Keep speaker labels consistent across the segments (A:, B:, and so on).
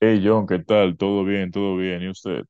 A: Hey John, ¿qué tal? ¿Todo bien? ¿Todo bien? ¿Y usted?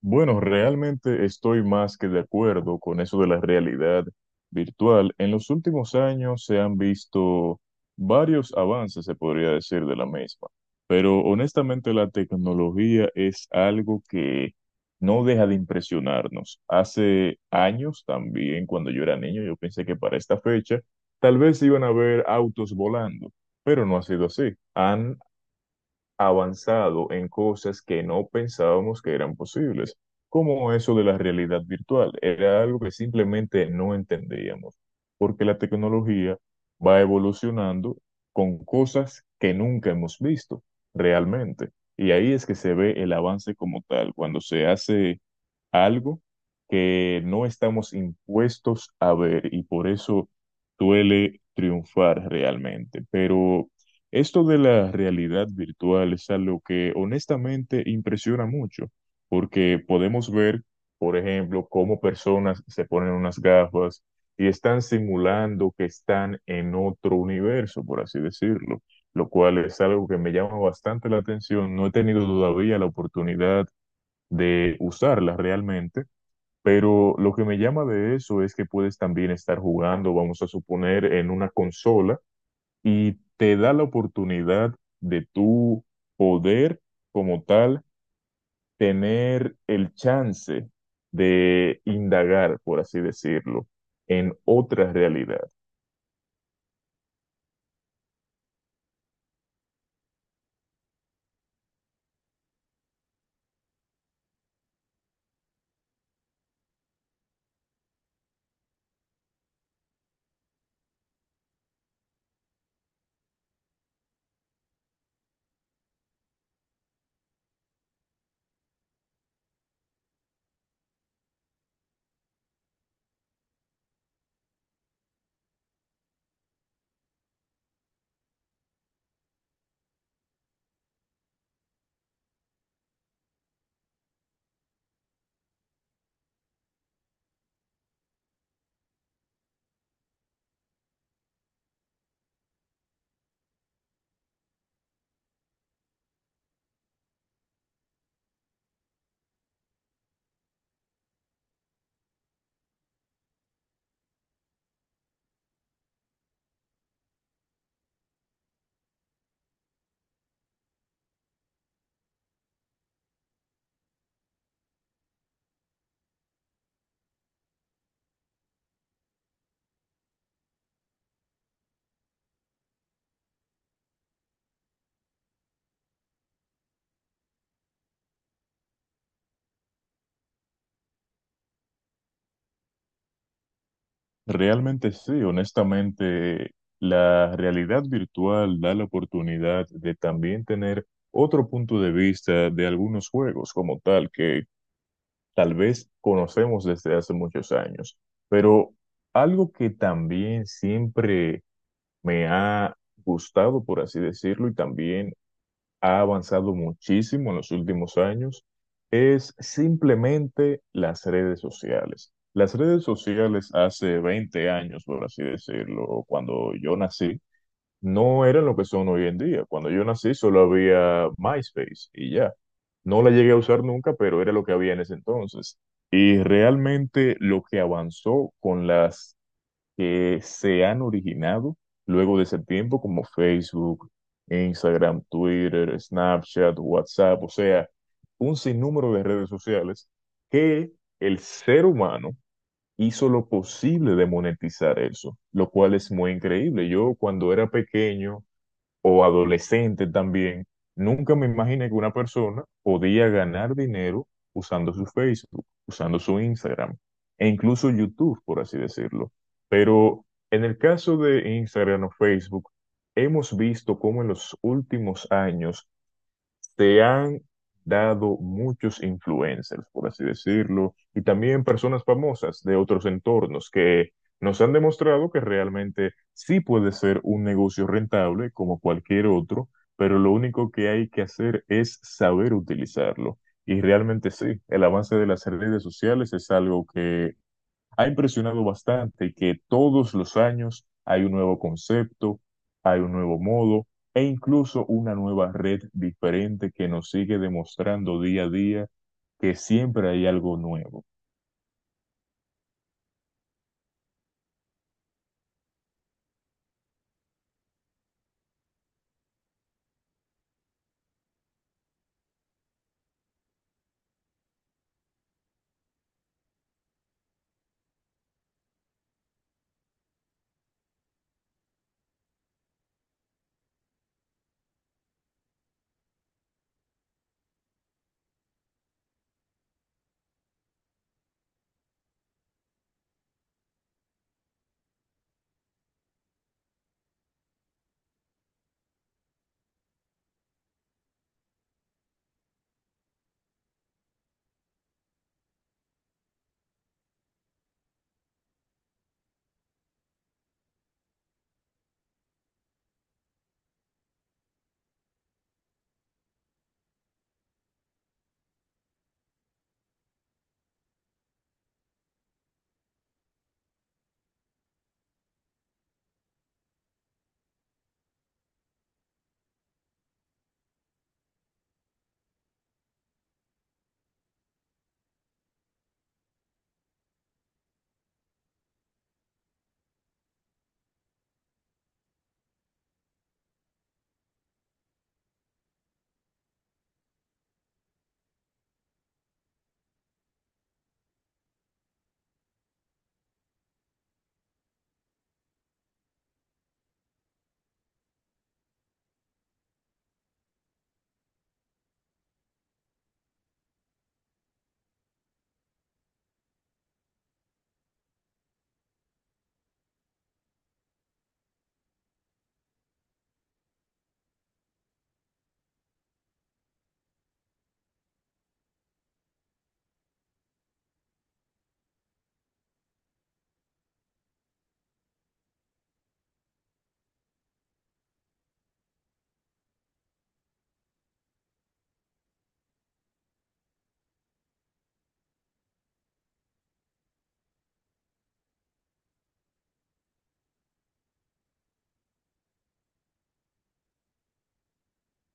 A: Bueno, realmente estoy más que de acuerdo con eso de la realidad virtual. En los últimos años se han visto varios avances, se podría decir, de la misma, pero honestamente la tecnología es algo que no deja de impresionarnos. Hace años también, cuando yo era niño, yo pensé que para esta fecha tal vez iban a haber autos volando, pero no ha sido así. Han avanzado en cosas que no pensábamos que eran posibles, como eso de la realidad virtual. Era algo que simplemente no entendíamos, porque la tecnología va evolucionando con cosas que nunca hemos visto realmente. Y ahí es que se ve el avance como tal, cuando se hace algo que no estamos impuestos a ver y por eso duele triunfar realmente. Pero esto de la realidad virtual es algo que honestamente impresiona mucho, porque podemos ver, por ejemplo, cómo personas se ponen unas gafas y están simulando que están en otro universo, por así decirlo, lo cual es algo que me llama bastante la atención. No he tenido todavía la oportunidad de usarla realmente, pero lo que me llama de eso es que puedes también estar jugando, vamos a suponer, en una consola y te da la oportunidad de tú poder, como tal, tener el chance de indagar, por así decirlo, en otra realidad. Realmente sí, honestamente, la realidad virtual da la oportunidad de también tener otro punto de vista de algunos juegos como tal, que tal vez conocemos desde hace muchos años. Pero algo que también siempre me ha gustado, por así decirlo, y también ha avanzado muchísimo en los últimos años es simplemente las redes sociales. Las redes sociales hace 20 años, por así decirlo, cuando yo nací, no eran lo que son hoy en día. Cuando yo nací solo había MySpace y ya. No la llegué a usar nunca, pero era lo que había en ese entonces. Y realmente lo que avanzó con las que se han originado luego de ese tiempo, como Facebook, Instagram, Twitter, Snapchat, WhatsApp, o sea, un sinnúmero de redes sociales que el ser humano hizo lo posible de monetizar eso, lo cual es muy increíble. Yo cuando era pequeño, o adolescente también, nunca me imaginé que una persona podía ganar dinero usando su Facebook, usando su Instagram e incluso YouTube, por así decirlo. Pero en el caso de Instagram o Facebook, hemos visto cómo en los últimos años se han dado muchos influencers, por así decirlo, y también personas famosas de otros entornos que nos han demostrado que realmente sí puede ser un negocio rentable como cualquier otro, pero lo único que hay que hacer es saber utilizarlo. Y realmente sí, el avance de las redes sociales es algo que ha impresionado bastante que todos los años hay un nuevo concepto, hay un nuevo modo e incluso una nueva red diferente que nos sigue demostrando día a día que siempre hay algo nuevo.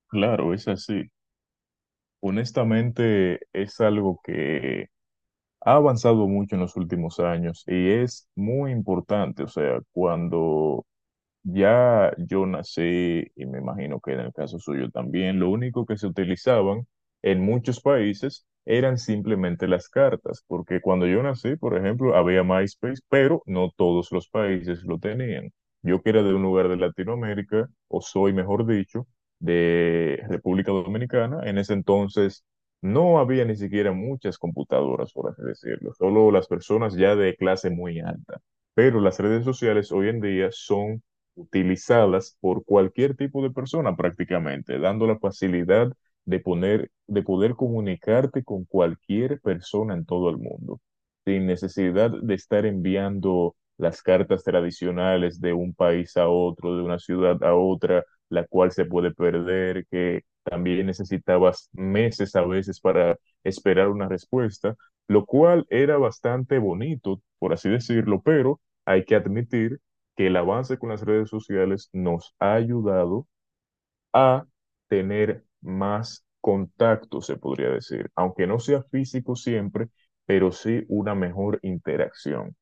A: Claro, es así. Honestamente, es algo que ha avanzado mucho en los últimos años y es muy importante. O sea, cuando Ya yo nací, y me imagino que en el caso suyo también, lo único que se utilizaban en muchos países eran simplemente las cartas, porque cuando yo nací, por ejemplo, había MySpace, pero no todos los países lo tenían. Yo que era de un lugar de Latinoamérica, o soy, mejor dicho, de República Dominicana, en ese entonces no había ni siquiera muchas computadoras, por así decirlo, solo las personas ya de clase muy alta. Pero las redes sociales hoy en día son utilizadas por cualquier tipo de persona prácticamente, dando la facilidad de poner, de poder comunicarte con cualquier persona en todo el mundo, sin necesidad de estar enviando las cartas tradicionales de un país a otro, de una ciudad a otra, la cual se puede perder, que también necesitabas meses a veces para esperar una respuesta, lo cual era bastante bonito, por así decirlo, pero hay que admitir que el avance con las redes sociales nos ha ayudado a tener más contacto, se podría decir, aunque no sea físico siempre, pero sí una mejor interacción.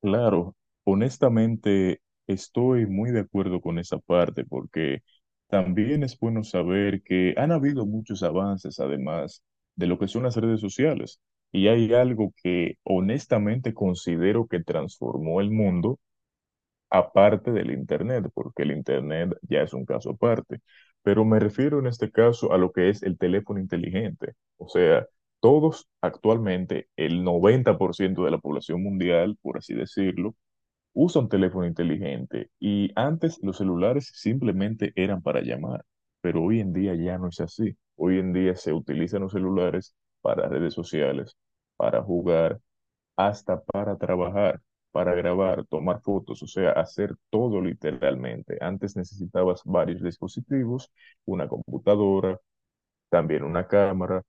A: Claro, honestamente estoy muy de acuerdo con esa parte porque también es bueno saber que han habido muchos avances además de lo que son las redes sociales y hay algo que honestamente considero que transformó el mundo aparte del Internet, porque el Internet ya es un caso aparte. Pero me refiero en este caso a lo que es el teléfono inteligente. O sea, todos actualmente, el 90% de la población mundial, por así decirlo, usa un teléfono inteligente y antes los celulares simplemente eran para llamar, pero hoy en día ya no es así. Hoy en día se utilizan los celulares para redes sociales, para jugar, hasta para trabajar, para grabar, tomar fotos, o sea, hacer todo literalmente. Antes necesitabas varios dispositivos, una computadora, también una cámara.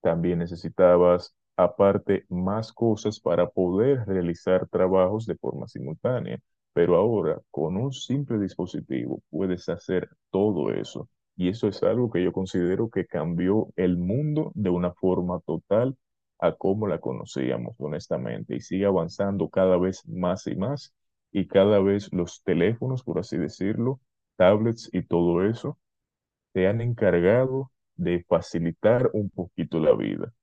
A: También necesitabas, aparte, más cosas para poder realizar trabajos de forma simultánea. Pero ahora, con un simple dispositivo, puedes hacer todo eso. Y eso es algo que yo considero que cambió el mundo de una forma total a cómo la conocíamos, honestamente. Y sigue avanzando cada vez más y más. Y cada vez los teléfonos, por así decirlo, tablets y todo eso, se han encargado de facilitar un poquito la vida.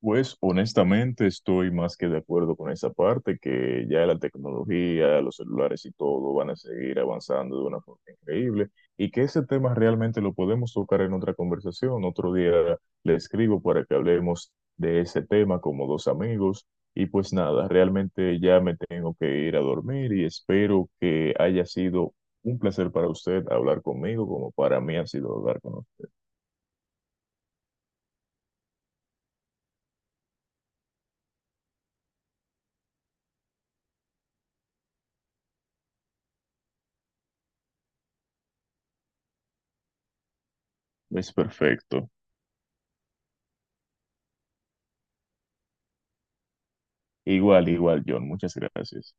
A: Pues honestamente estoy más que de acuerdo con esa parte, que ya la tecnología, los celulares y todo van a seguir avanzando de una forma increíble y que ese tema realmente lo podemos tocar en otra conversación. Otro día le escribo para que hablemos de ese tema como dos amigos y pues nada, realmente ya me tengo que ir a dormir y espero que haya sido un placer para usted hablar conmigo como para mí ha sido hablar con usted. Es perfecto. Igual, igual, John, muchas gracias.